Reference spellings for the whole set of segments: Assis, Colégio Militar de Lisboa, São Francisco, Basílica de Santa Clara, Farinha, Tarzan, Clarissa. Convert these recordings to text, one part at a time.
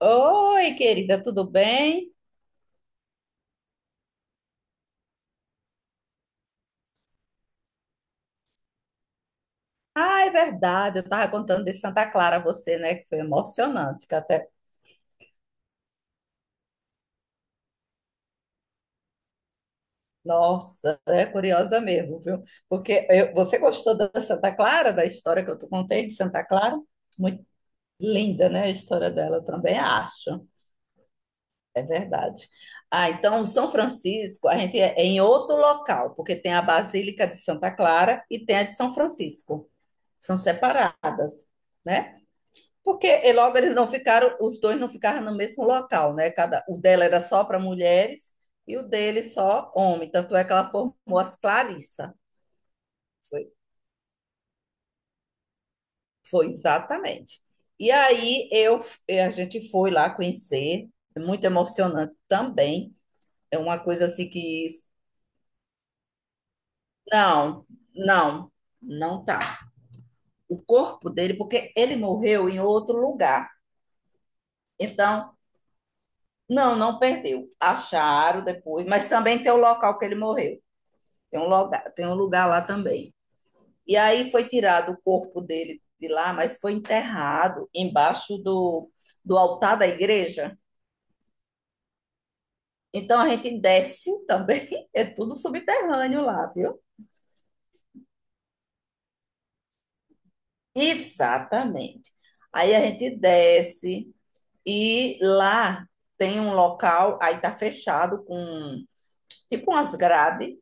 Oi, querida, tudo bem? Ah, é verdade, eu estava contando de Santa Clara a você, né? Que foi emocionante, que até. Nossa, é curiosa mesmo, viu? Você gostou da Santa Clara, da história que eu te contei de Santa Clara? Muito linda, né? A história dela eu também, acho. É verdade. Ah, então, São Francisco, a gente é em outro local, porque tem a Basílica de Santa Clara e tem a de São Francisco. São separadas, né? Porque e logo eles não ficaram, os dois não ficaram no mesmo local, né? Cada, o dela era só para mulheres e o dele só homem. Tanto é que ela formou as Clarissa. Foi, foi exatamente. E aí a gente foi lá conhecer, é muito emocionante também. É uma coisa assim que. Não, não, não tá. O corpo dele, porque ele morreu em outro lugar. Então, não, não perdeu. Acharam depois, mas também tem o local que ele morreu. Tem um lugar lá também. E aí foi tirado o corpo dele de lá, mas foi enterrado embaixo do altar da igreja. Então a gente desce também, é tudo subterrâneo lá, viu? Exatamente. Aí a gente desce e lá tem um local, aí tá fechado com tipo umas grades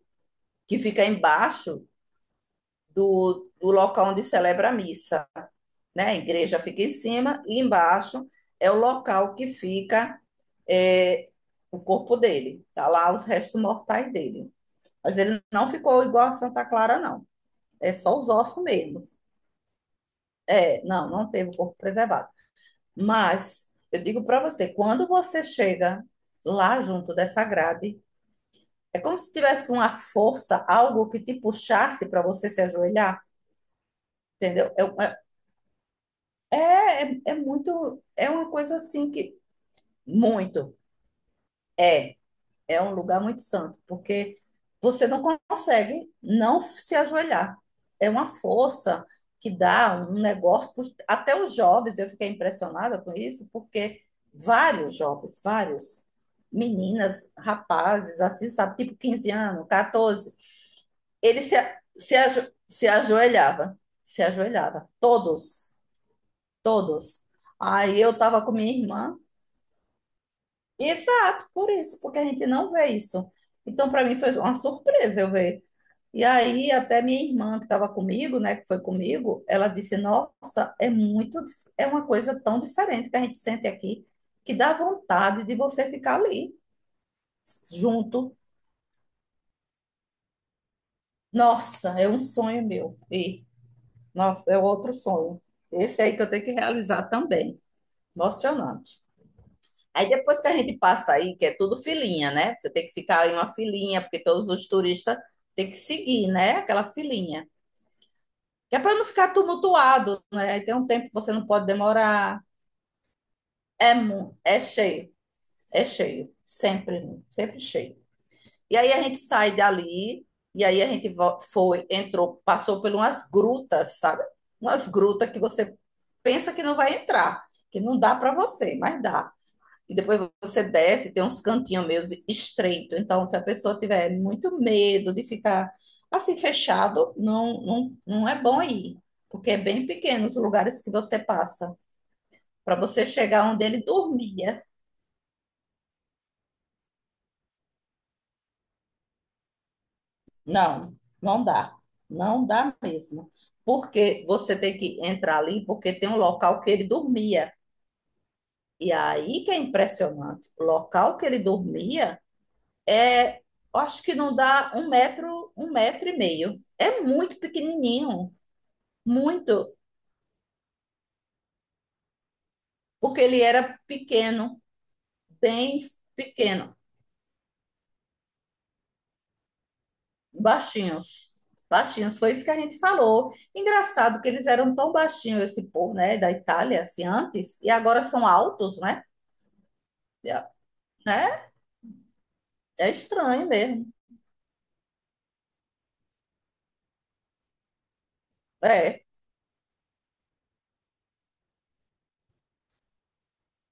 que fica embaixo do local onde celebra a missa. Né? A igreja fica em cima e embaixo é o local que fica é, o corpo dele. Tá lá os restos mortais dele. Mas ele não ficou igual a Santa Clara, não. É só os ossos mesmo. É, não, não teve o corpo preservado. Mas eu digo para você, quando você chega lá junto dessa grade, é como se tivesse uma força, algo que te puxasse para você se ajoelhar, entendeu? É, é é muito, é uma coisa assim que muito é. É um lugar muito santo, porque você não consegue não se ajoelhar. É uma força que dá um negócio. Até os jovens, eu fiquei impressionada com isso, porque vários jovens, vários meninas, rapazes, assim, sabe, tipo 15 anos, 14, eles se ajoelhava, se ajoelhava, todos, todos. Aí eu estava com minha irmã. Exato, por isso, porque a gente não vê isso. Então, para mim, foi uma surpresa eu ver. E aí, até minha irmã, que estava comigo, né, que foi comigo, ela disse: Nossa, é muito, é uma coisa tão diferente que a gente sente aqui, que dá vontade de você ficar ali, junto. Nossa, é um sonho meu. E, nossa, é outro sonho. Esse aí que eu tenho que realizar também. Emocionante. Aí depois que a gente passa aí, que é tudo filinha, né? Você tem que ficar em uma filinha, porque todos os turistas têm que seguir, né? Aquela filinha. Que é para não ficar tumultuado, né? Aí tem um tempo que você não pode demorar. É, mu- é cheio, é cheio. Sempre, sempre cheio. E aí a gente sai dali, e aí a gente foi, entrou, passou por umas grutas, sabe? Umas grutas que você pensa que não vai entrar, que não dá para você, mas dá. E depois você desce, tem uns cantinhos meio estreitos. Então, se a pessoa tiver muito medo de ficar assim fechado, não, não, não é bom ir, porque é bem pequeno os lugares que você passa. Para você chegar onde ele dormia. Não, não dá. Não dá mesmo. Porque você tem que entrar ali, porque tem um local que ele dormia. E aí que é impressionante. O local que ele dormia, é, acho que não dá 1 metro, 1 metro e meio. É muito pequenininho, muito, porque ele era pequeno, bem pequeno, baixinhos, baixinhos. Foi isso que a gente falou. Engraçado que eles eram tão baixinhos, esse povo, né, da Itália, assim, antes, e agora são altos, né? É, né? É estranho mesmo. É,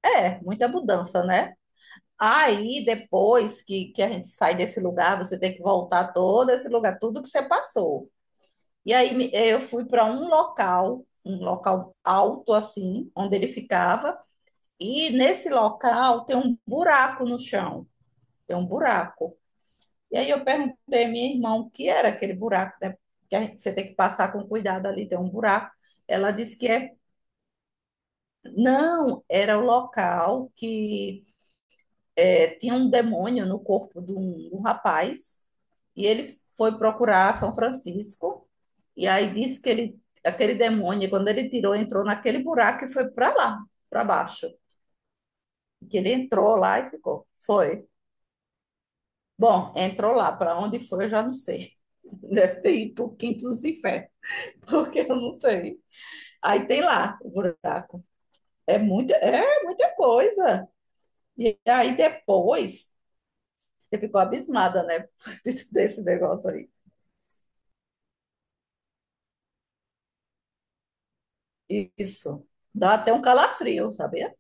é, muita mudança, né? Aí, depois que a gente sai desse lugar, você tem que voltar todo esse lugar, tudo que você passou. E aí eu fui para um local alto assim, onde ele ficava, e nesse local tem um buraco no chão, tem um buraco. E aí eu perguntei à minha irmã o que era aquele buraco, né? Que você tem que passar com cuidado ali, tem um buraco. Ela disse que é, não, era o local que é, tinha um demônio no corpo de um rapaz e ele foi procurar São Francisco e aí disse que ele, aquele demônio, quando ele tirou, entrou naquele buraco e foi para lá, para baixo. Que ele entrou lá e ficou. Foi. Bom, entrou lá, para onde foi eu já não sei. Deve ter ido para o quinto dos infernos, porque eu não sei. Aí tem lá o buraco. É muita coisa. E aí depois você ficou abismada, né? Desse negócio aí. Isso. Dá até um calafrio, sabia?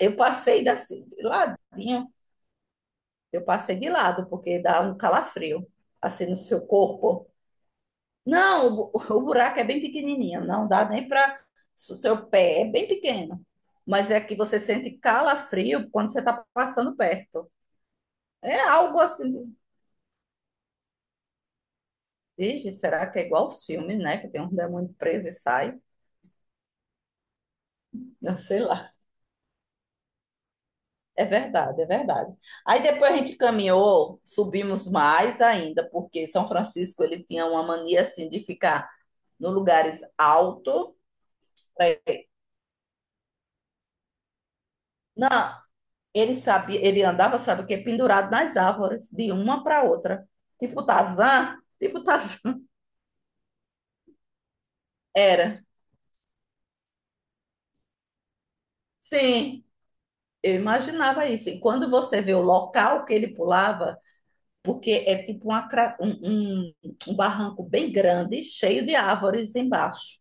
Eu passei assim, de ladinho, eu passei de lado, porque dá um calafrio, assim, no seu corpo. Não, o, o buraco é bem pequenininho, não dá nem para. O seu pé é bem pequeno, mas é que você sente calafrio quando você está passando perto. É algo assim, de, "Vixe, será que é igual aos filmes, né? Que tem um demônio preso e sai, eu sei lá. É verdade, é verdade. Aí depois a gente caminhou, subimos mais ainda, porque São Francisco ele tinha uma mania assim de ficar nos lugares altos. Não, ele sabia, ele andava, sabe o quê? Pendurado nas árvores, de uma para outra. Tipo Tarzan, tipo Tarzan. Era. Sim, eu imaginava isso. E quando você vê o local que ele pulava, porque é tipo uma cra- um, um um barranco bem grande, cheio de árvores embaixo.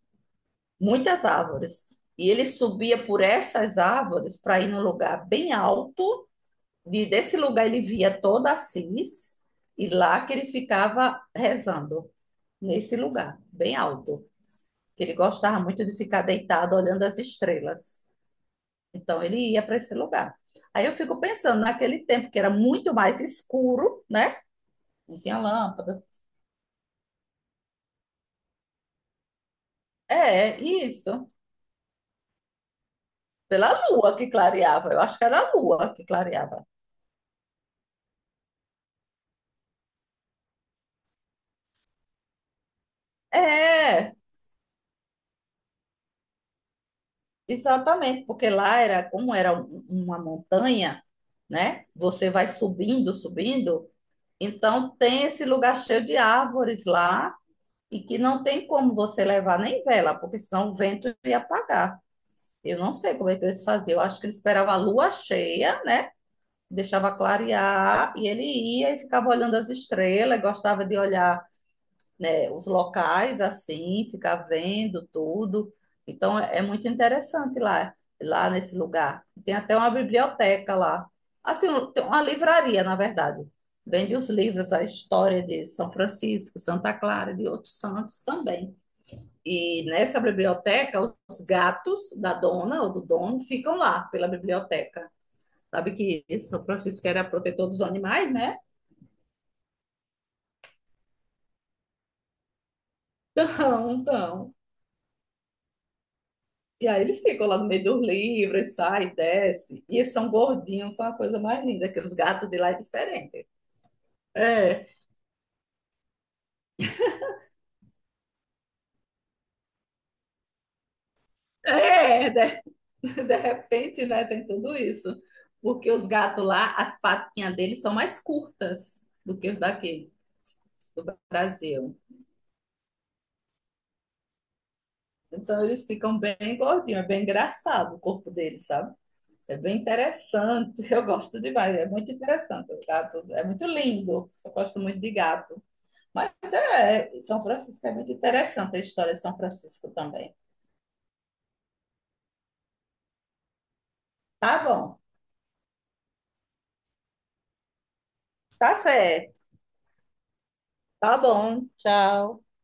Muitas árvores. E ele subia por essas árvores para ir num lugar bem alto, e desse lugar ele via toda Assis, e lá que ele ficava rezando, nesse lugar, bem alto. Que ele gostava muito de ficar deitado olhando as estrelas. Então ele ia para esse lugar. Aí eu fico pensando naquele tempo que era muito mais escuro, né? Não tinha lâmpada. É, isso. Pela lua que clareava. Eu acho que era a lua que clareava. É, exatamente, porque lá era como era uma montanha, né? Você vai subindo, subindo, então tem esse lugar cheio de árvores lá e que não tem como você levar nem vela, porque senão o vento ia apagar. Eu não sei como é que eles faziam. Eu acho que eles esperavam a lua cheia, né? Deixava clarear e ele ia e ficava olhando as estrelas, gostava de olhar, né, os locais assim, ficar vendo tudo. Então é muito interessante lá, lá nesse lugar. Tem até uma biblioteca lá. Assim, tem uma livraria, na verdade. Vende os livros, a história de São Francisco, Santa Clara, de outros santos também. E nessa biblioteca, os gatos da dona ou do dono ficam lá pela biblioteca. Sabe que São Francisco era protetor dos animais, né? Então, então. E aí eles ficam lá no meio dos livros, sai, desce. E eles são gordinhos, são a coisa mais linda, que os gatos de lá é diferente. É, é, de repente, né, tem tudo isso. Porque os gatos lá, as patinhas deles são mais curtas do que os daqui, do Brasil. Então eles ficam bem gordinhos, é bem engraçado o corpo deles, sabe? É bem interessante, eu gosto demais, é muito interessante. O gato é muito lindo, eu gosto muito de gato. Mas é, São Francisco é muito interessante a história de São Francisco também. Tá bom. Tá certo. Tá bom. Tchau.